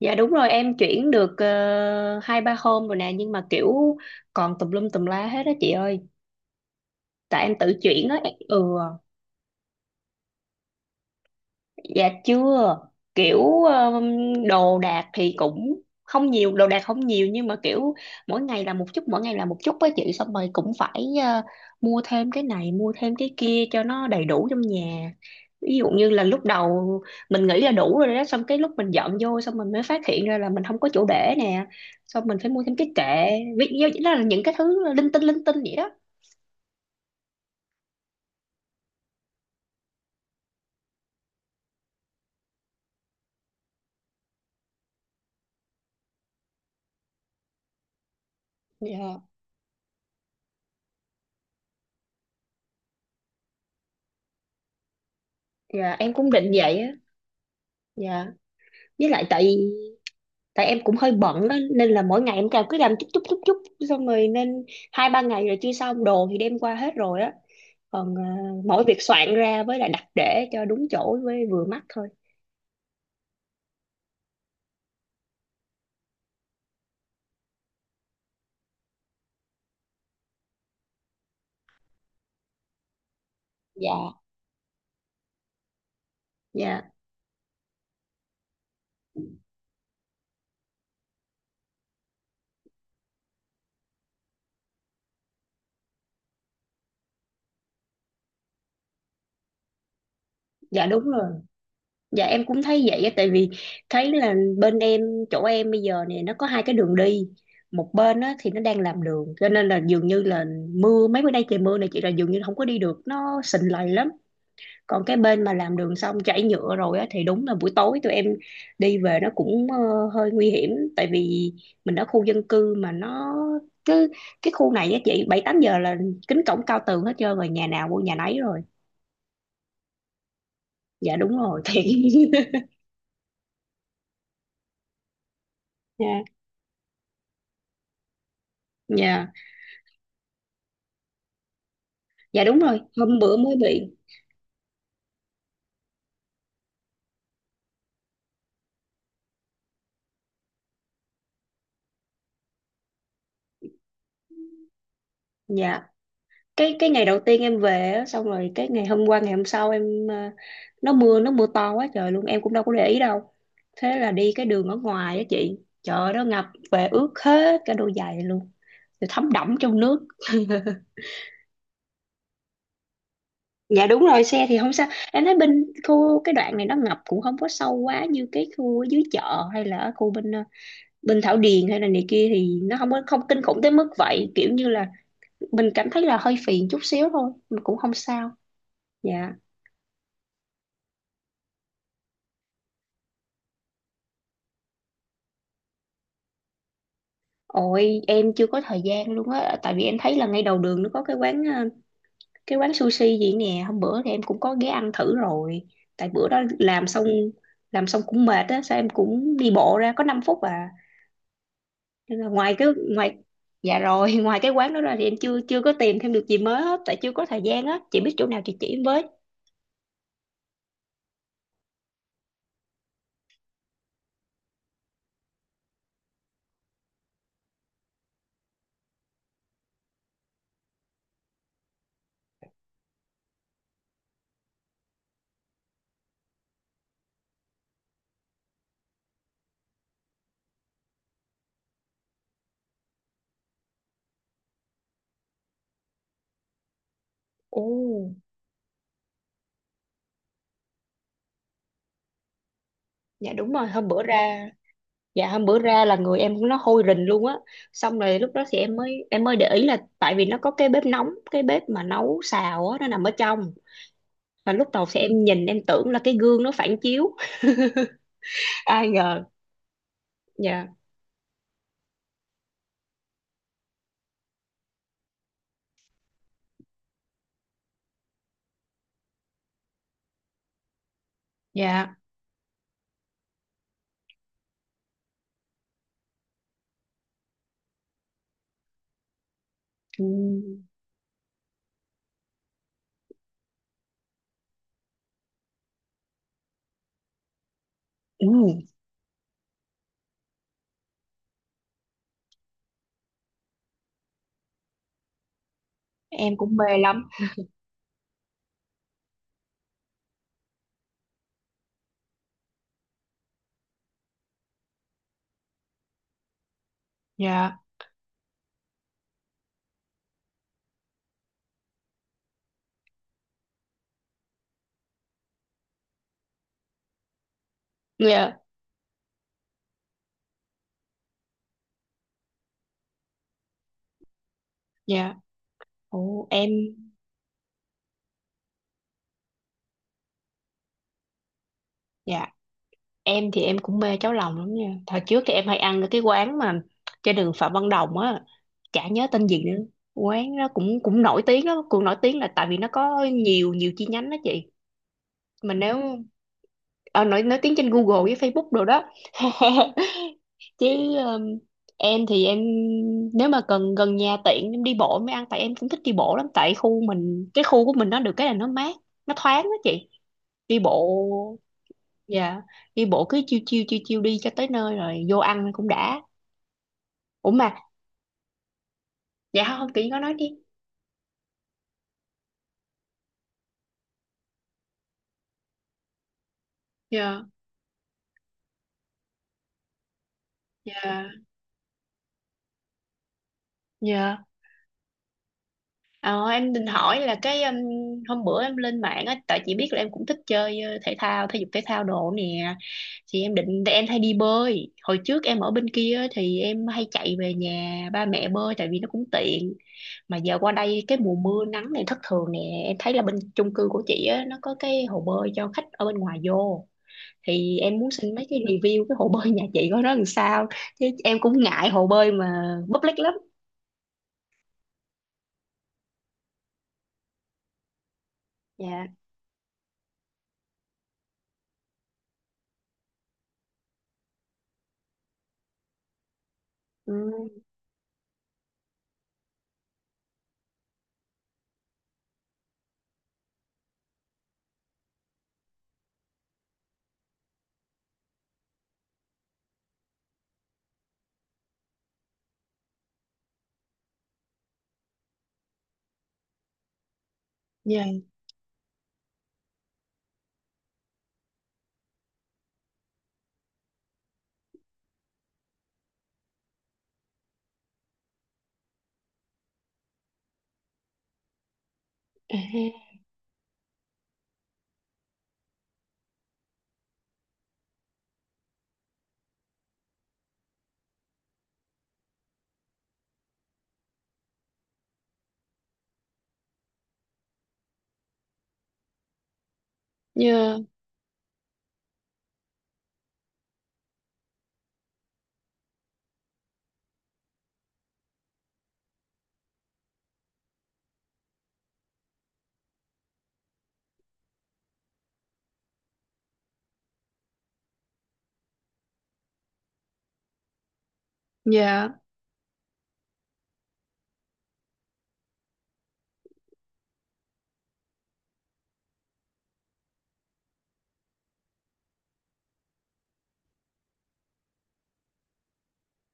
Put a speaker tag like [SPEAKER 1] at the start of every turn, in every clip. [SPEAKER 1] Dạ, đúng rồi, em chuyển được 2-3 hôm rồi nè, nhưng mà kiểu còn tùm lum tùm lá hết á chị ơi. Tại em tự chuyển á. Ừ. Dạ chưa. Kiểu đồ đạc thì cũng không nhiều, đồ đạc không nhiều, nhưng mà kiểu mỗi ngày là một chút, mỗi ngày là một chút với chị. Xong rồi cũng phải mua thêm cái này, mua thêm cái kia cho nó đầy đủ trong nhà. Ví dụ như là lúc đầu mình nghĩ là đủ rồi đó, xong cái lúc mình dọn vô xong mình mới phát hiện ra là mình không có chỗ để nè, xong mình phải mua thêm cái kệ. Ví dụ đó là những cái thứ linh tinh vậy đó. Dạ. Dạ em cũng định vậy á. Dạ. Với lại tại tại em cũng hơi bận đó, nên là mỗi ngày em cào cứ làm chút chút chút chút, xong rồi nên 2-3 ngày rồi chưa xong. Đồ thì đem qua hết rồi á, còn mỗi việc soạn ra với lại đặt để cho đúng chỗ với vừa mắt thôi. Dạ. Dạ. Dạ đúng rồi. Dạ em cũng thấy vậy á. Tại vì thấy là bên em, chỗ em bây giờ này nó có hai cái đường đi. Một bên á thì nó đang làm đường, cho nên là dường như là mưa mấy bữa nay, trời mưa này chị, là dường như không có đi được, nó sình lầy lắm. Còn cái bên mà làm đường xong chảy nhựa rồi á thì đúng là buổi tối tụi em đi về nó cũng hơi nguy hiểm. Tại vì mình ở khu dân cư mà nó cứ, cái khu này á chị, 7-8 giờ là kính cổng cao tường hết trơn rồi, nhà nào mua nhà nấy rồi. Dạ đúng rồi thiệt. Dạ. Dạ. Dạ đúng rồi, hôm bữa mới bị. Dạ cái ngày đầu tiên em về á, xong rồi cái ngày hôm qua, ngày hôm sau em nó mưa to quá trời luôn, em cũng đâu có để ý đâu. Thế là đi cái đường ở ngoài á chị, trời ơi, nó ngập, về ướt hết cả đôi giày luôn, rồi thấm đẫm trong nước. Dạ đúng rồi, xe thì không sao. Em thấy bên khu, cái đoạn này nó ngập cũng không có sâu quá như cái khu ở dưới chợ hay là ở khu bên bên Thảo Điền hay là này kia, thì nó không có, không kinh khủng tới mức vậy. Kiểu như là mình cảm thấy là hơi phiền chút xíu thôi, mình cũng không sao. Dạ. Ôi em chưa có thời gian luôn á, tại vì em thấy là ngay đầu đường nó có cái quán cái quán sushi gì nè. Hôm bữa thì em cũng có ghé ăn thử rồi. Tại bữa đó làm xong, làm xong cũng mệt á, sao em cũng đi bộ ra có 5 phút à. Nên là ngoài cái ngoài dạ rồi. Ngoài cái quán đó ra thì em chưa chưa có tìm thêm được gì mới hết, tại chưa có thời gian á. Chị biết chỗ nào chị chỉ em với. Ồ. Dạ đúng rồi, hôm bữa ra. Dạ, hôm bữa ra là người em nó hôi rình luôn á. Xong rồi lúc đó thì em mới để ý là tại vì nó có cái bếp nóng, cái bếp mà nấu xào á, nó nằm ở trong. Và lúc đầu thì em nhìn em tưởng là cái gương nó phản chiếu, ai ngờ. Dạ. Dạ. Ừ. Ừ. Em cũng mê lắm. Dạ. Dạ. Dạ. Ồ em. Dạ em thì em cũng mê cháo lòng lắm nha. Thời trước thì em hay ăn ở cái quán mà trên đường Phạm Văn Đồng á, chả nhớ tên gì nữa. Quán nó cũng cũng nổi tiếng lắm, cũng nổi tiếng là tại vì nó có nhiều nhiều chi nhánh đó chị. Mà nếu nổi nổi tiếng trên Google với Facebook đồ đó. Chứ um, em thì em nếu mà cần gần nhà tiện em đi bộ em mới ăn, tại em cũng thích đi bộ lắm. Tại khu mình, cái khu của mình nó được cái là nó mát, nó thoáng đó chị. Đi bộ. Dạ đi bộ cứ chiêu chiêu chiêu chiêu đi cho tới nơi rồi vô ăn cũng đã. Ủa mà. Dạ không, chị có nói đi. Dạ. Dạ. Dạ. Ờ, em định hỏi là cái hôm bữa em lên mạng á, tại chị biết là em cũng thích chơi thể thao, thể dục thể thao đồ nè. Thì em định em hay đi bơi. Hồi trước em ở bên kia á, thì em hay chạy về nhà ba mẹ bơi tại vì nó cũng tiện. Mà giờ qua đây cái mùa mưa nắng này thất thường nè, em thấy là bên chung cư của chị á nó có cái hồ bơi cho khách ở bên ngoài vô. Thì em muốn xin mấy cái review cái hồ bơi nhà chị có nó làm sao. Chứ em cũng ngại hồ bơi mà public lắm. Dạ. Ừ. Dạ. À ha. Dạ. Dạ.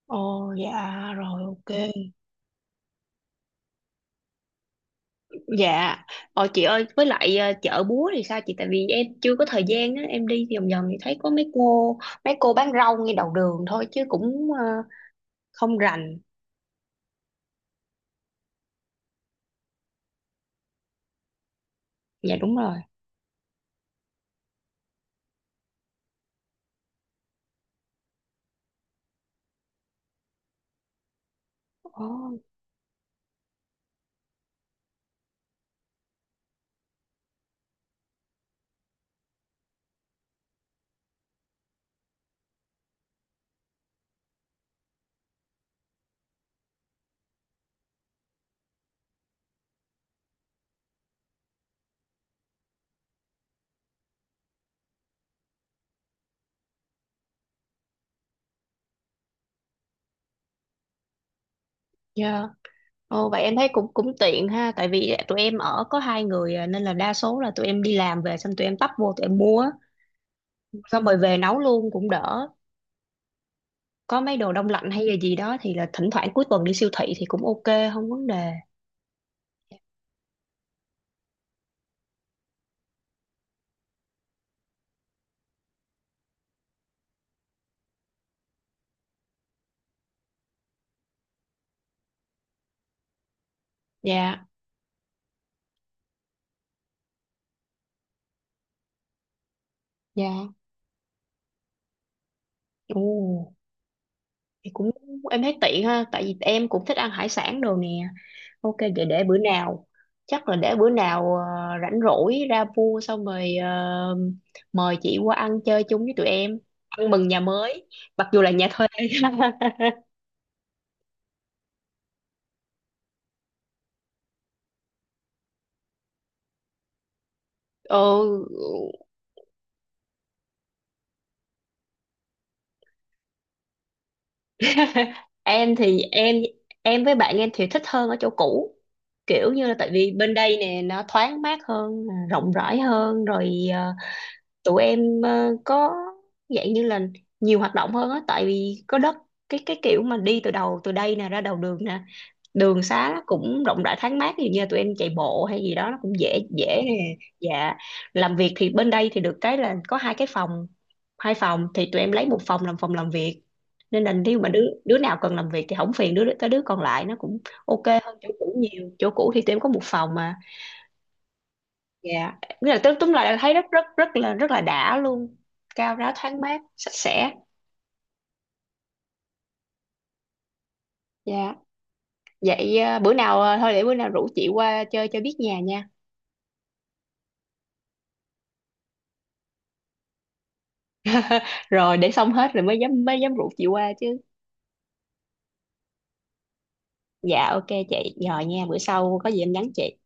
[SPEAKER 1] Ồ dạ, rồi ok. Dạ. Ờ chị ơi, với lại chợ búa thì sao chị? Tại vì em chưa có thời gian á, em đi vòng vòng thì thấy có mấy cô bán rau ngay đầu đường thôi chứ cũng không rành. Dạ đúng rồi. Ồ. Dạ. Ồ vậy em thấy cũng cũng tiện ha, tại vì tụi em ở có hai người à, nên là đa số là tụi em đi làm về xong tụi em tấp vô tụi em mua á. Xong rồi về nấu luôn cũng đỡ. Có mấy đồ đông lạnh hay là gì đó thì là thỉnh thoảng cuối tuần đi siêu thị thì cũng ok, không vấn đề. Dạ. Dạ. Ồ. Thì cũng em thấy tiện ha, tại vì em cũng thích ăn hải sản đồ nè. Ok, để bữa nào, chắc là để bữa nào rảnh rỗi ra mua xong rồi mời chị qua ăn chơi chung với tụi em, ăn mừng nhà mới, mặc dù là nhà thuê. Ờ, em thì em với bạn em thì thích hơn ở chỗ cũ, kiểu như là tại vì bên đây nè nó thoáng mát hơn, rộng rãi hơn rồi tụi em có dạng như là nhiều hoạt động hơn á, tại vì có đất, cái kiểu mà đi từ đầu từ đây nè ra đầu đường nè, đường xá nó cũng rộng rãi thoáng mát. Ví dụ như là tụi em chạy bộ hay gì đó nó cũng dễ dễ nè. Dạ làm việc thì bên đây thì được cái là có hai cái phòng, hai phòng thì tụi em lấy một phòng làm việc. Nên là nếu mà đứa đứa nào cần làm việc thì không phiền đứa tới đứa còn lại, nó cũng ok hơn chỗ cũ nhiều. Chỗ cũ thì tụi em có một phòng mà. Dạ, nghĩa là tức túm lại là thấy rất rất rất là đã luôn, cao ráo thoáng mát sạch sẽ. Dạ. Vậy à, bữa nào à, thôi để bữa nào rủ chị qua chơi cho biết nhà nha. Rồi để xong hết rồi mới dám rủ chị qua chứ. Dạ ok chị, rồi nha, bữa sau có gì em nhắn chị.